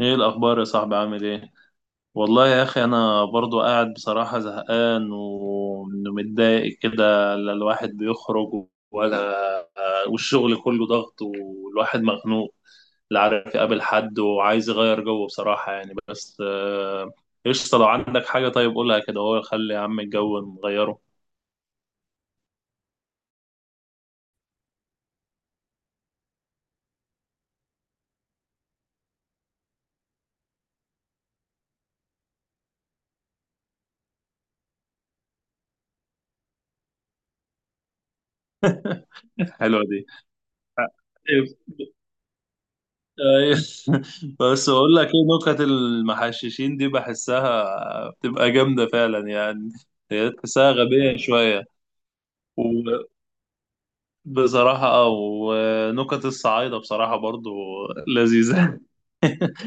ايه الاخبار يا صاحبي؟ عامل ايه؟ والله يا اخي انا برضو قاعد بصراحة زهقان ومتضايق كده، لا الواحد بيخرج ولا، والشغل كله ضغط والواحد مخنوق، لا عارف يقابل حد وعايز يغير جو بصراحة يعني بس قشطة. لو عندك حاجة طيب قولها كده، هو خلي يا عم الجو نغيره. الحلوة دي. أيوة. بس اقول لك ايه، نكت المحششين دي بحسها بتبقى جامده فعلا يعني، هي تحسها غبيه شويه، وبصراحه ونكت الصعايده بصراحه برضو لذيذه.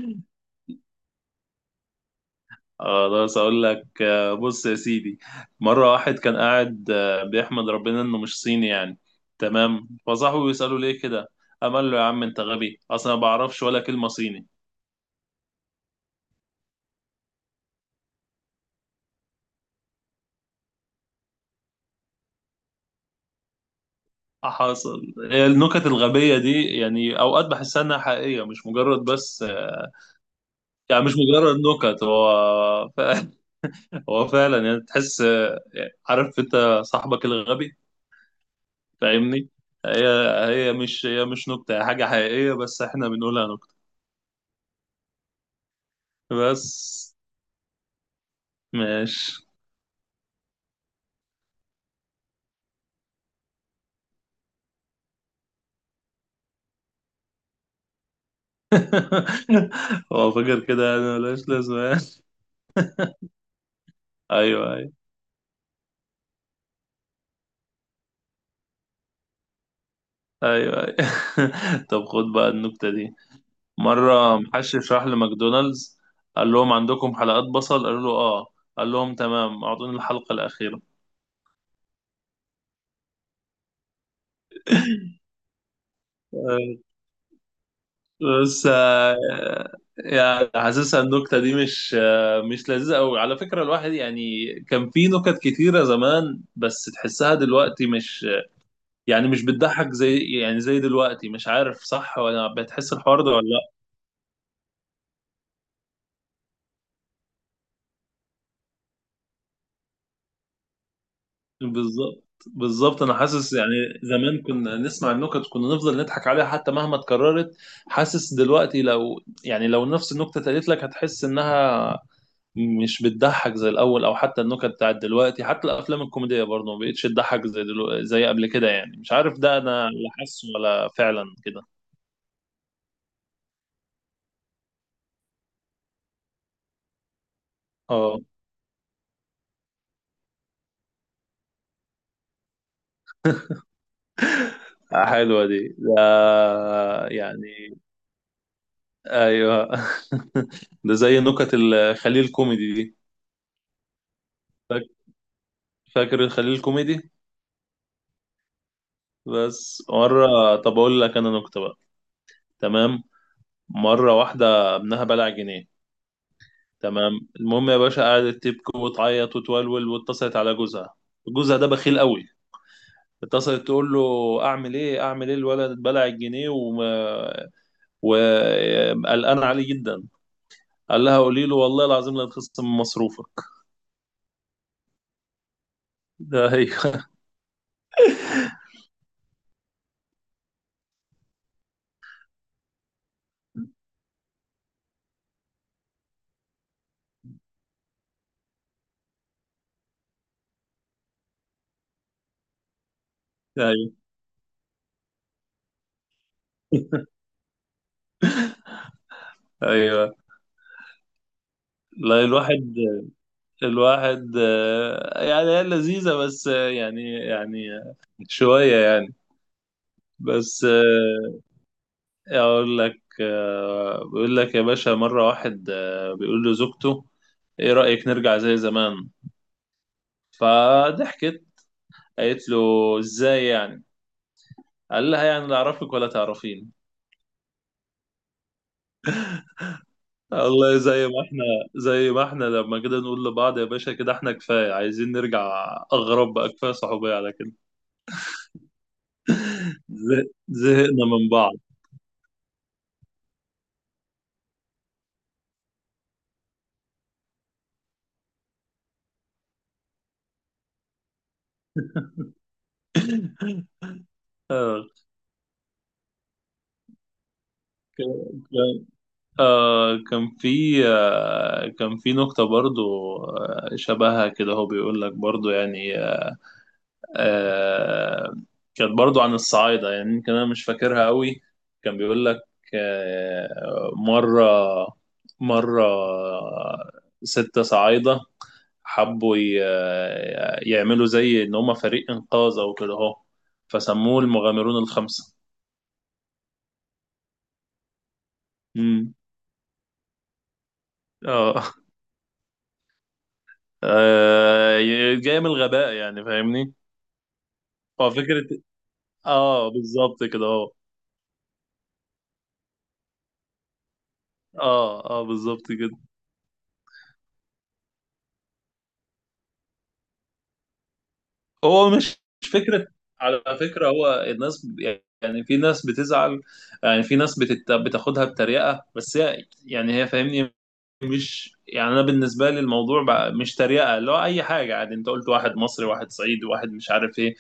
خلاص اقول لك، بص يا سيدي، مره واحد كان قاعد بيحمد ربنا انه مش صيني يعني. تمام، فصاحبه بيساله ليه كده، قام قال له يا عم انت غبي اصلا ما بعرفش ولا كلمه صيني. حصل النكت الغبية دي يعني أوقات بحسها إنها حقيقية، مش مجرد بس يعني، مش مجرد نكت، هو فعلا هو فعلا يعني تحس، عارف أنت صاحبك الغبي، فاهمني؟ هي هي مش نكتة، هي حاجة حقيقية بس إحنا بنقولها نكتة. بس ماشي. هو فاكر كده يعني ملهاش لازمة يعني. أيوه أيوه. أيوه أيوه. طب خد بقى النكتة دي. مرة محشش راح لماكدونالدز، قال لهم عندكم حلقات بصل؟ قالوا له اه. قال لهم تمام، اعطوني الحلقة الأخيرة. بس يعني حاسسها النكتة دي مش مش لذيذة أوي على فكرة. الواحد يعني كان في نكت كتيرة زمان بس تحسها دلوقتي مش يعني، مش بتضحك زي يعني زي دلوقتي، مش عارف صح ولا بتحس الحوار ده ولا. بالظبط بالظبط، انا حاسس يعني زمان كنا نسمع النكت كنا نفضل نضحك عليها حتى مهما اتكررت. حاسس دلوقتي لو يعني لو نفس النكته اتقالت لك هتحس انها مش بتضحك زي الاول، او حتى النكت بتاعت دلوقتي حتى الافلام الكوميديه برضه ما بقتش تضحك زي دلوقتي زي قبل كده يعني، مش عارف ده انا اللي حاسه ولا فعلا كده. اه حلوه دي ده، يعني ايوه. ده زي نكت الخليل كوميدي دي. فاك- فاكر الخليل كوميدي؟ بس مرة، طب أقول لك أنا نكتة بقى. تمام. مرة واحدة ابنها بلع جنيه. تمام المهم يا باشا قعدت تبكي وتعيط وتولول واتصلت على جوزها، جوزها ده بخيل قوي. اتصلت تقول له أعمل إيه أعمل إيه، الولد بلع الجنيه وما، وقلقان عليه جدا. قال لها قولي له والله العظيم لا تخصم من مصروفك. ده أيوه. أيوه أيوه. لا الواحد يعني هي لذيذة بس يعني يعني شوية يعني. بس إيه اقول لك، بيقول لك يا باشا مرة واحد بيقول له زوجته ايه رأيك نرجع زي زمان؟ فضحكت، قالت له ازاي يعني؟ قال لها يعني لا اعرفك ولا تعرفين. والله زي ما احنا لما كده نقول لبعض يا باشا كده، احنا كفاية، عايزين نرجع اغرب بقى، كفاية صحوبية على كده. زهقنا من بعض. آه، ك- كان في نقطة برضو شبهها كده، هو بيقول لك برضو يعني، آه كانت برضو عن الصعايدة يعني، يمكن أنا مش فاكرها قوي. كان بيقول لك آه مرة مرة ستة صعايدة حبوا يعملوا زي إن هما فريق إنقاذ أو كده أهو، فسموه المغامرون الخمسة. مم. اه آه، جاية من الغباء يعني، فاهمني؟ هو فكرة. اه بالظبط كده اه اه بالظبط كده. هو مش فكرة. على فكرة هو الناس يعني في ناس بتزعل، يعني في ناس بتاخدها بتريقة بس هي يعني هي فاهمني، مش يعني، انا بالنسبه لي الموضوع بقى مش تريقه، اللي هو اي حاجه عادي، انت قلت واحد مصري واحد صعيدي واحد مش عارف ايه.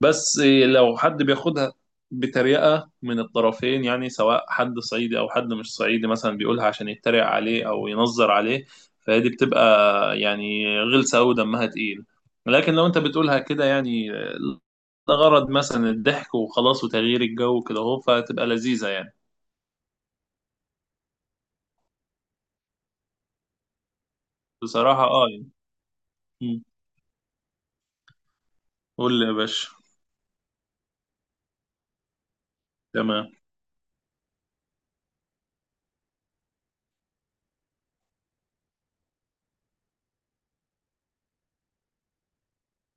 بس لو حد بياخدها بتريقه من الطرفين يعني، سواء حد صعيدي او حد مش صعيدي مثلا بيقولها عشان يتريق عليه او ينظر عليه، فهي دي بتبقى يعني غلسه قوي دمها تقيل. لكن لو انت بتقولها كده يعني لغرض مثلا الضحك وخلاص وتغيير الجو كده اهو فتبقى لذيذه يعني. بصراحه يعني. مم. قول لي يا باشا. تمام.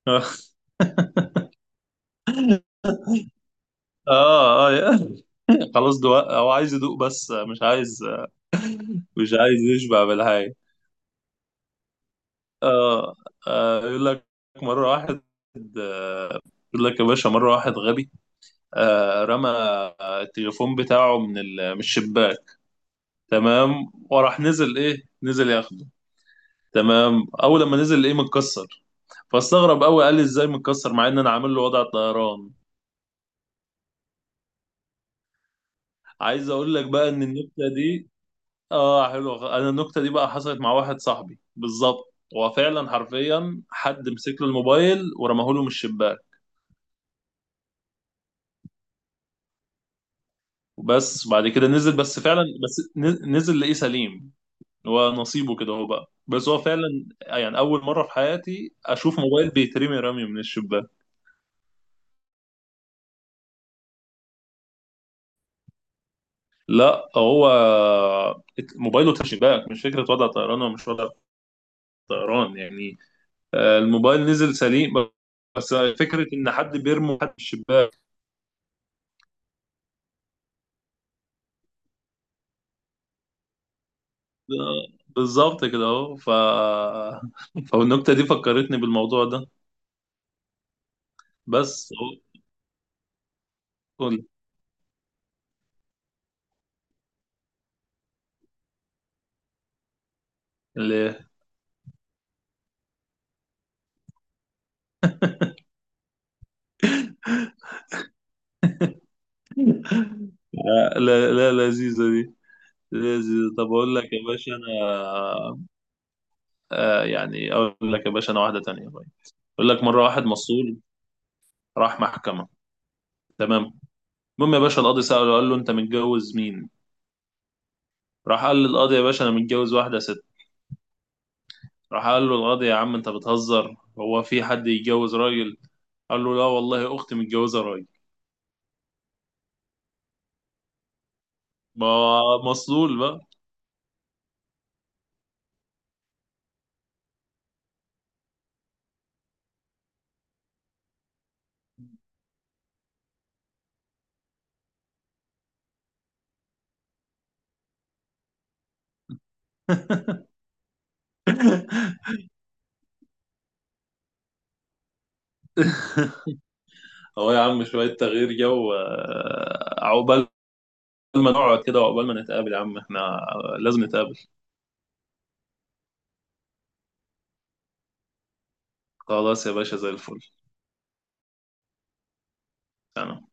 اه اه. خلاص دوق، هو عايز يدوق بس مش عايز يشبع بالحاجة. اه يقول لك مرة واحد آه، يقول لك يا باشا مرة واحد غبي، رمى التليفون بتاعه من الشباك. تمام وراح نزل ايه، نزل ياخده. تمام اول لما نزل ايه متكسر. فاستغرب قوي، قال لي ازاي متكسر مع ان انا عامل له وضع طيران؟ عايز اقول لك بقى ان النكته دي، اه حلو، انا النكته دي بقى حصلت مع واحد صاحبي بالظبط، هو فعلا حرفيا حد مسك له الموبايل ورماه له من الشباك. وبس بعد كده نزل بس فعلا، بس نزل لقيه سليم. هو نصيبه كده هو بقى، بس هو فعلا يعني اول مره في حياتي اشوف موبايل بيترمي رمي من الشباك. لا هو موبايله تحت الشباك، مش فكره وضع طيران ولا مش وضع طيران يعني. الموبايل نزل سليم، بس فكره ان حد بيرمي حد من الشباك. بالظبط كده اهو، ف فالنكته دي فكرتني بالموضوع ده. بس اهو قول ليه لا. لا لا، لذيذه دي. لذيذه، طب اقول لك يا باشا انا يعني اقول لك يا باشا انا واحده تانية طيب. اقول لك مره واحد مسؤول راح محكمه. تمام. المهم يا باشا القاضي ساله قال له انت متجوز مين؟ راح قال للقاضي يا باشا انا متجوز واحده ست. راح قال له القاضي يا عم انت بتهزر، هو في حد يتجوز راجل؟ قال له لا والله اختي متجوزه راجل. ما مسؤول بقى. هو يا عم شوية تغيير جو، عقبال ما نقعد كده وعقبال ما نتقابل يا عم، احنا لازم نتقابل. خلاص يا باشا زي الفل. تمام